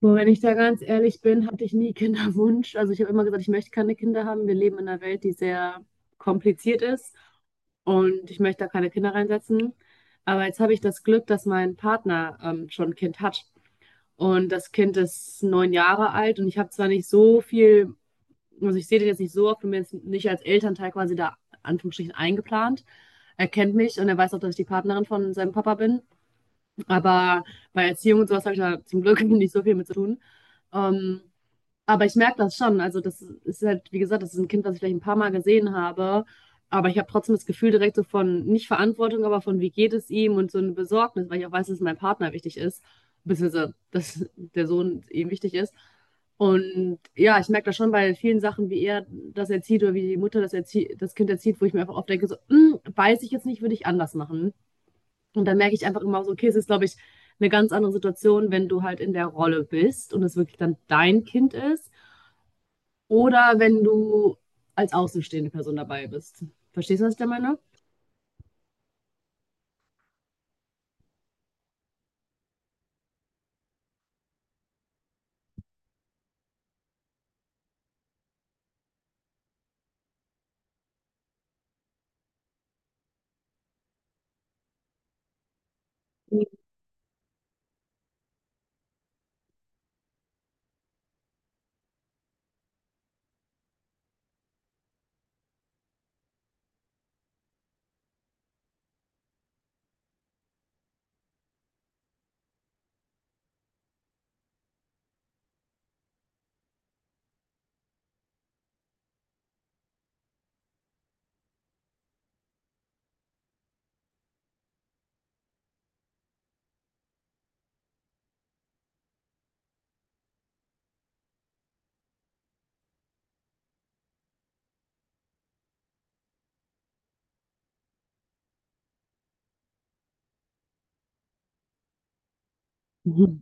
Boah, wenn ich da ganz ehrlich bin, hatte ich nie Kinderwunsch. Also ich habe immer gesagt, ich möchte keine Kinder haben. Wir leben in einer Welt, die sehr kompliziert ist und ich möchte da keine Kinder reinsetzen. Aber jetzt habe ich das Glück, dass mein Partner schon ein Kind hat. Und das Kind ist 9 Jahre alt und ich habe zwar nicht so viel, also ich sehe den jetzt nicht so oft und bin jetzt nicht als Elternteil quasi da in Anführungsstrichen eingeplant. Er kennt mich und er weiß auch, dass ich die Partnerin von seinem Papa bin. Aber bei Erziehung und sowas habe ich da zum Glück nicht so viel mit zu tun. Ähm, aber ich merke das schon. Also, das ist halt, wie gesagt, das ist ein Kind, was ich vielleicht ein paar Mal gesehen habe. Aber ich habe trotzdem das Gefühl direkt so von, nicht Verantwortung, aber von, wie geht es ihm und so eine Besorgnis, weil ich auch weiß, dass mein Partner wichtig ist, beziehungsweise, dass der Sohn ihm wichtig ist. Und ja, ich merke das schon bei vielen Sachen, wie er das erzieht oder wie die Mutter das, erzie das Kind erzieht, wo ich mir einfach oft denke, so, "Mm, weiß ich jetzt nicht, würde ich anders machen." Und dann merke ich einfach immer so, okay, es ist, glaube ich, eine ganz andere Situation, wenn du halt in der Rolle bist und es wirklich dann dein Kind ist oder wenn du als außenstehende Person dabei bist. Verstehst du, was ich da meine? Mhm.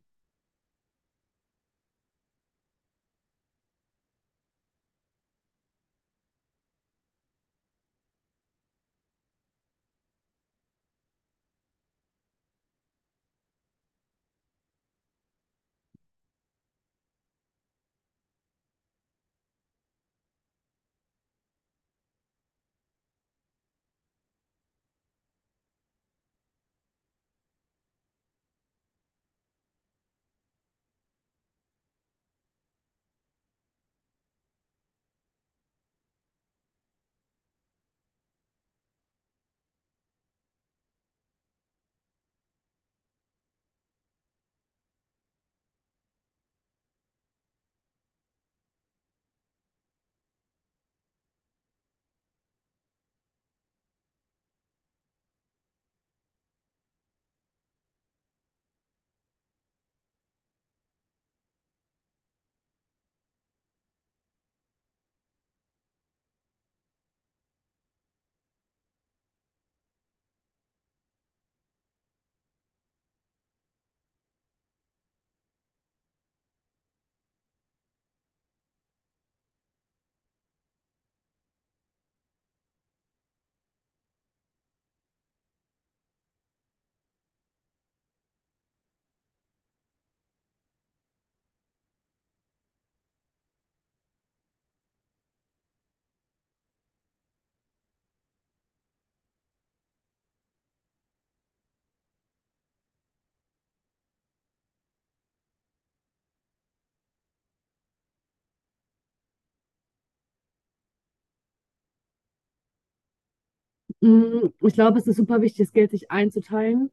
Hm, ich glaube, es ist super wichtig, das Geld sich einzuteilen.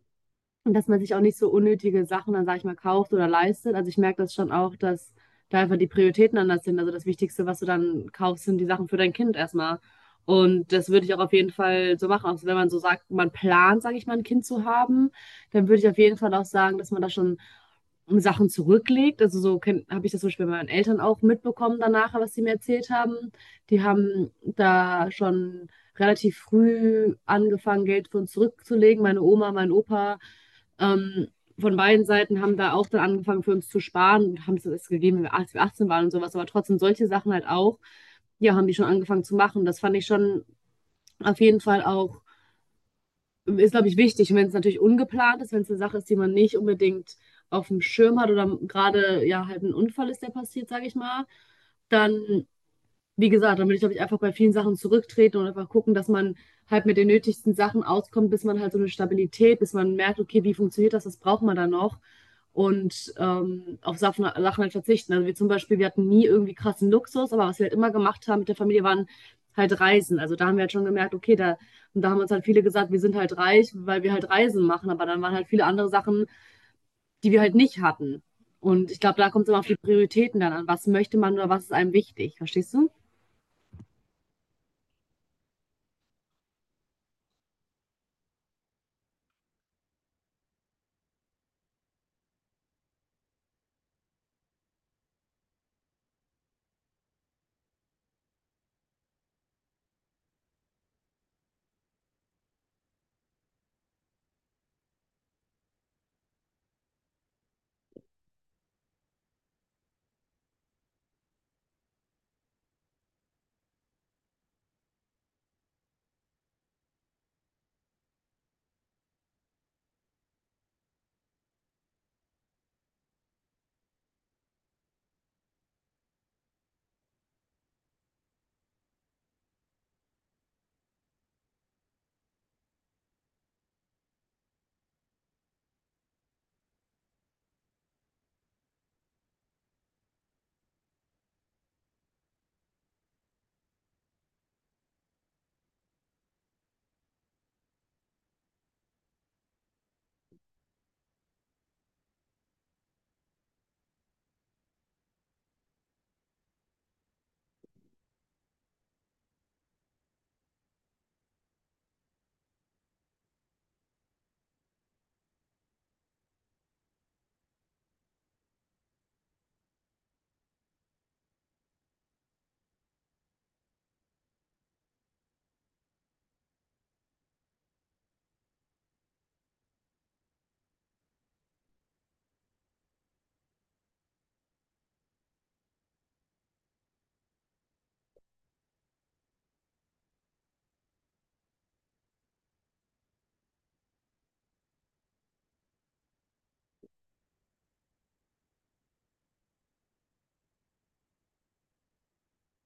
Und dass man sich auch nicht so unnötige Sachen dann, sag ich mal, kauft oder leistet. Also ich merke das schon auch, dass da einfach die Prioritäten anders sind. Also das Wichtigste, was du dann kaufst, sind die Sachen für dein Kind erstmal. Und das würde ich auch auf jeden Fall so machen. Also wenn man so sagt, man plant, sage ich mal, ein Kind zu haben, dann würde ich auf jeden Fall auch sagen, dass man da schon Sachen zurücklegt. Also so habe ich das zum Beispiel bei meinen Eltern auch mitbekommen danach, was sie mir erzählt haben. Die haben da schon relativ früh angefangen, Geld für uns zurückzulegen. Meine Oma, mein Opa, ähm, von beiden Seiten haben da auch dann angefangen für uns zu sparen und haben es erst gegeben, wenn wir 18 waren und sowas. Aber trotzdem solche Sachen halt auch, ja, haben die schon angefangen zu machen. Das fand ich schon auf jeden Fall auch, ist, glaube ich, wichtig. Und wenn es natürlich ungeplant ist, wenn es eine Sache ist, die man nicht unbedingt auf dem Schirm hat oder gerade ja halt ein Unfall ist, der passiert, sage ich mal, dann wie gesagt, dann würde ich, glaube ich, einfach bei vielen Sachen zurücktreten und einfach gucken, dass man halt mit den nötigsten Sachen auskommt, bis man halt so eine Stabilität, bis man merkt, okay, wie funktioniert das, das braucht man dann noch? Und auf Sachen halt verzichten. Also wir zum Beispiel, wir hatten nie irgendwie krassen Luxus, aber was wir halt immer gemacht haben mit der Familie, waren halt Reisen. Also da haben wir halt schon gemerkt, okay, da, und da haben uns halt viele gesagt, wir sind halt reich, weil wir halt Reisen machen, aber dann waren halt viele andere Sachen, die wir halt nicht hatten. Und ich glaube, da kommt es immer auf die Prioritäten dann an. Was möchte man oder was ist einem wichtig? Verstehst du?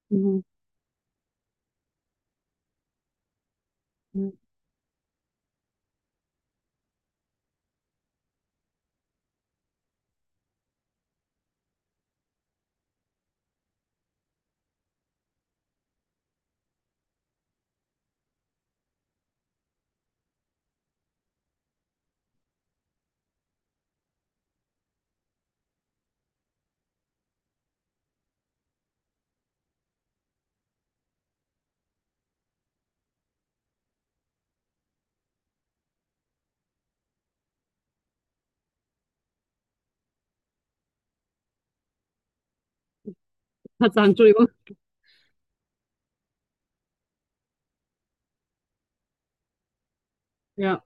Mhm. Mhm. Tatsache, Entschuldigung. Ja.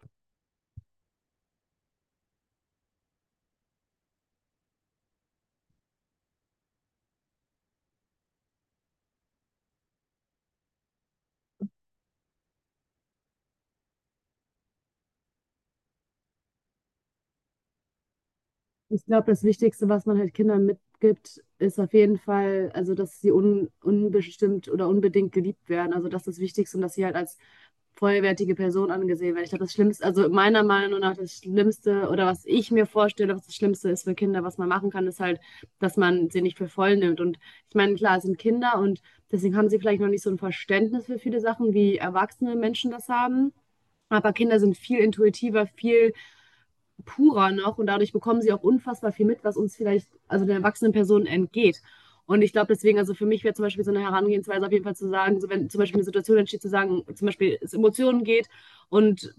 Ich glaube, das Wichtigste, was man halt Kindern mitgibt, ist auf jeden Fall, also dass sie un unbestimmt oder unbedingt geliebt werden. Also das ist das Wichtigste und dass sie halt als vollwertige Person angesehen werden. Ich glaube, das Schlimmste, also meiner Meinung nach das Schlimmste oder was ich mir vorstelle, was das Schlimmste ist für Kinder, was man machen kann, ist halt, dass man sie nicht für voll nimmt. Und ich meine, klar, es sind Kinder und deswegen haben sie vielleicht noch nicht so ein Verständnis für viele Sachen, wie erwachsene Menschen das haben. Aber Kinder sind viel intuitiver, viel purer noch und dadurch bekommen sie auch unfassbar viel mit, was uns vielleicht, also den erwachsenen Personen entgeht. Und ich glaube deswegen, also für mich wäre zum Beispiel so eine Herangehensweise auf jeden Fall zu sagen, so wenn zum Beispiel eine Situation entsteht, zu sagen, zum Beispiel es Emotionen geht und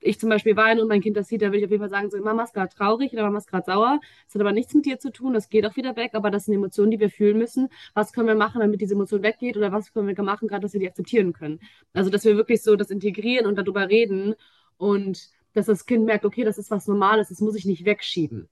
ich zum Beispiel weine und mein Kind das sieht, dann würde ich auf jeden Fall sagen, so, Mama ist gerade traurig oder Mama ist gerade sauer. Das hat aber nichts mit dir zu tun, das geht auch wieder weg, aber das sind Emotionen, die wir fühlen müssen. Was können wir machen, damit diese Emotion weggeht oder was können wir machen, gerade dass wir die akzeptieren können? Also, dass wir wirklich so das integrieren und darüber reden und dass das Kind merkt, okay, das ist was Normales, das muss ich nicht wegschieben.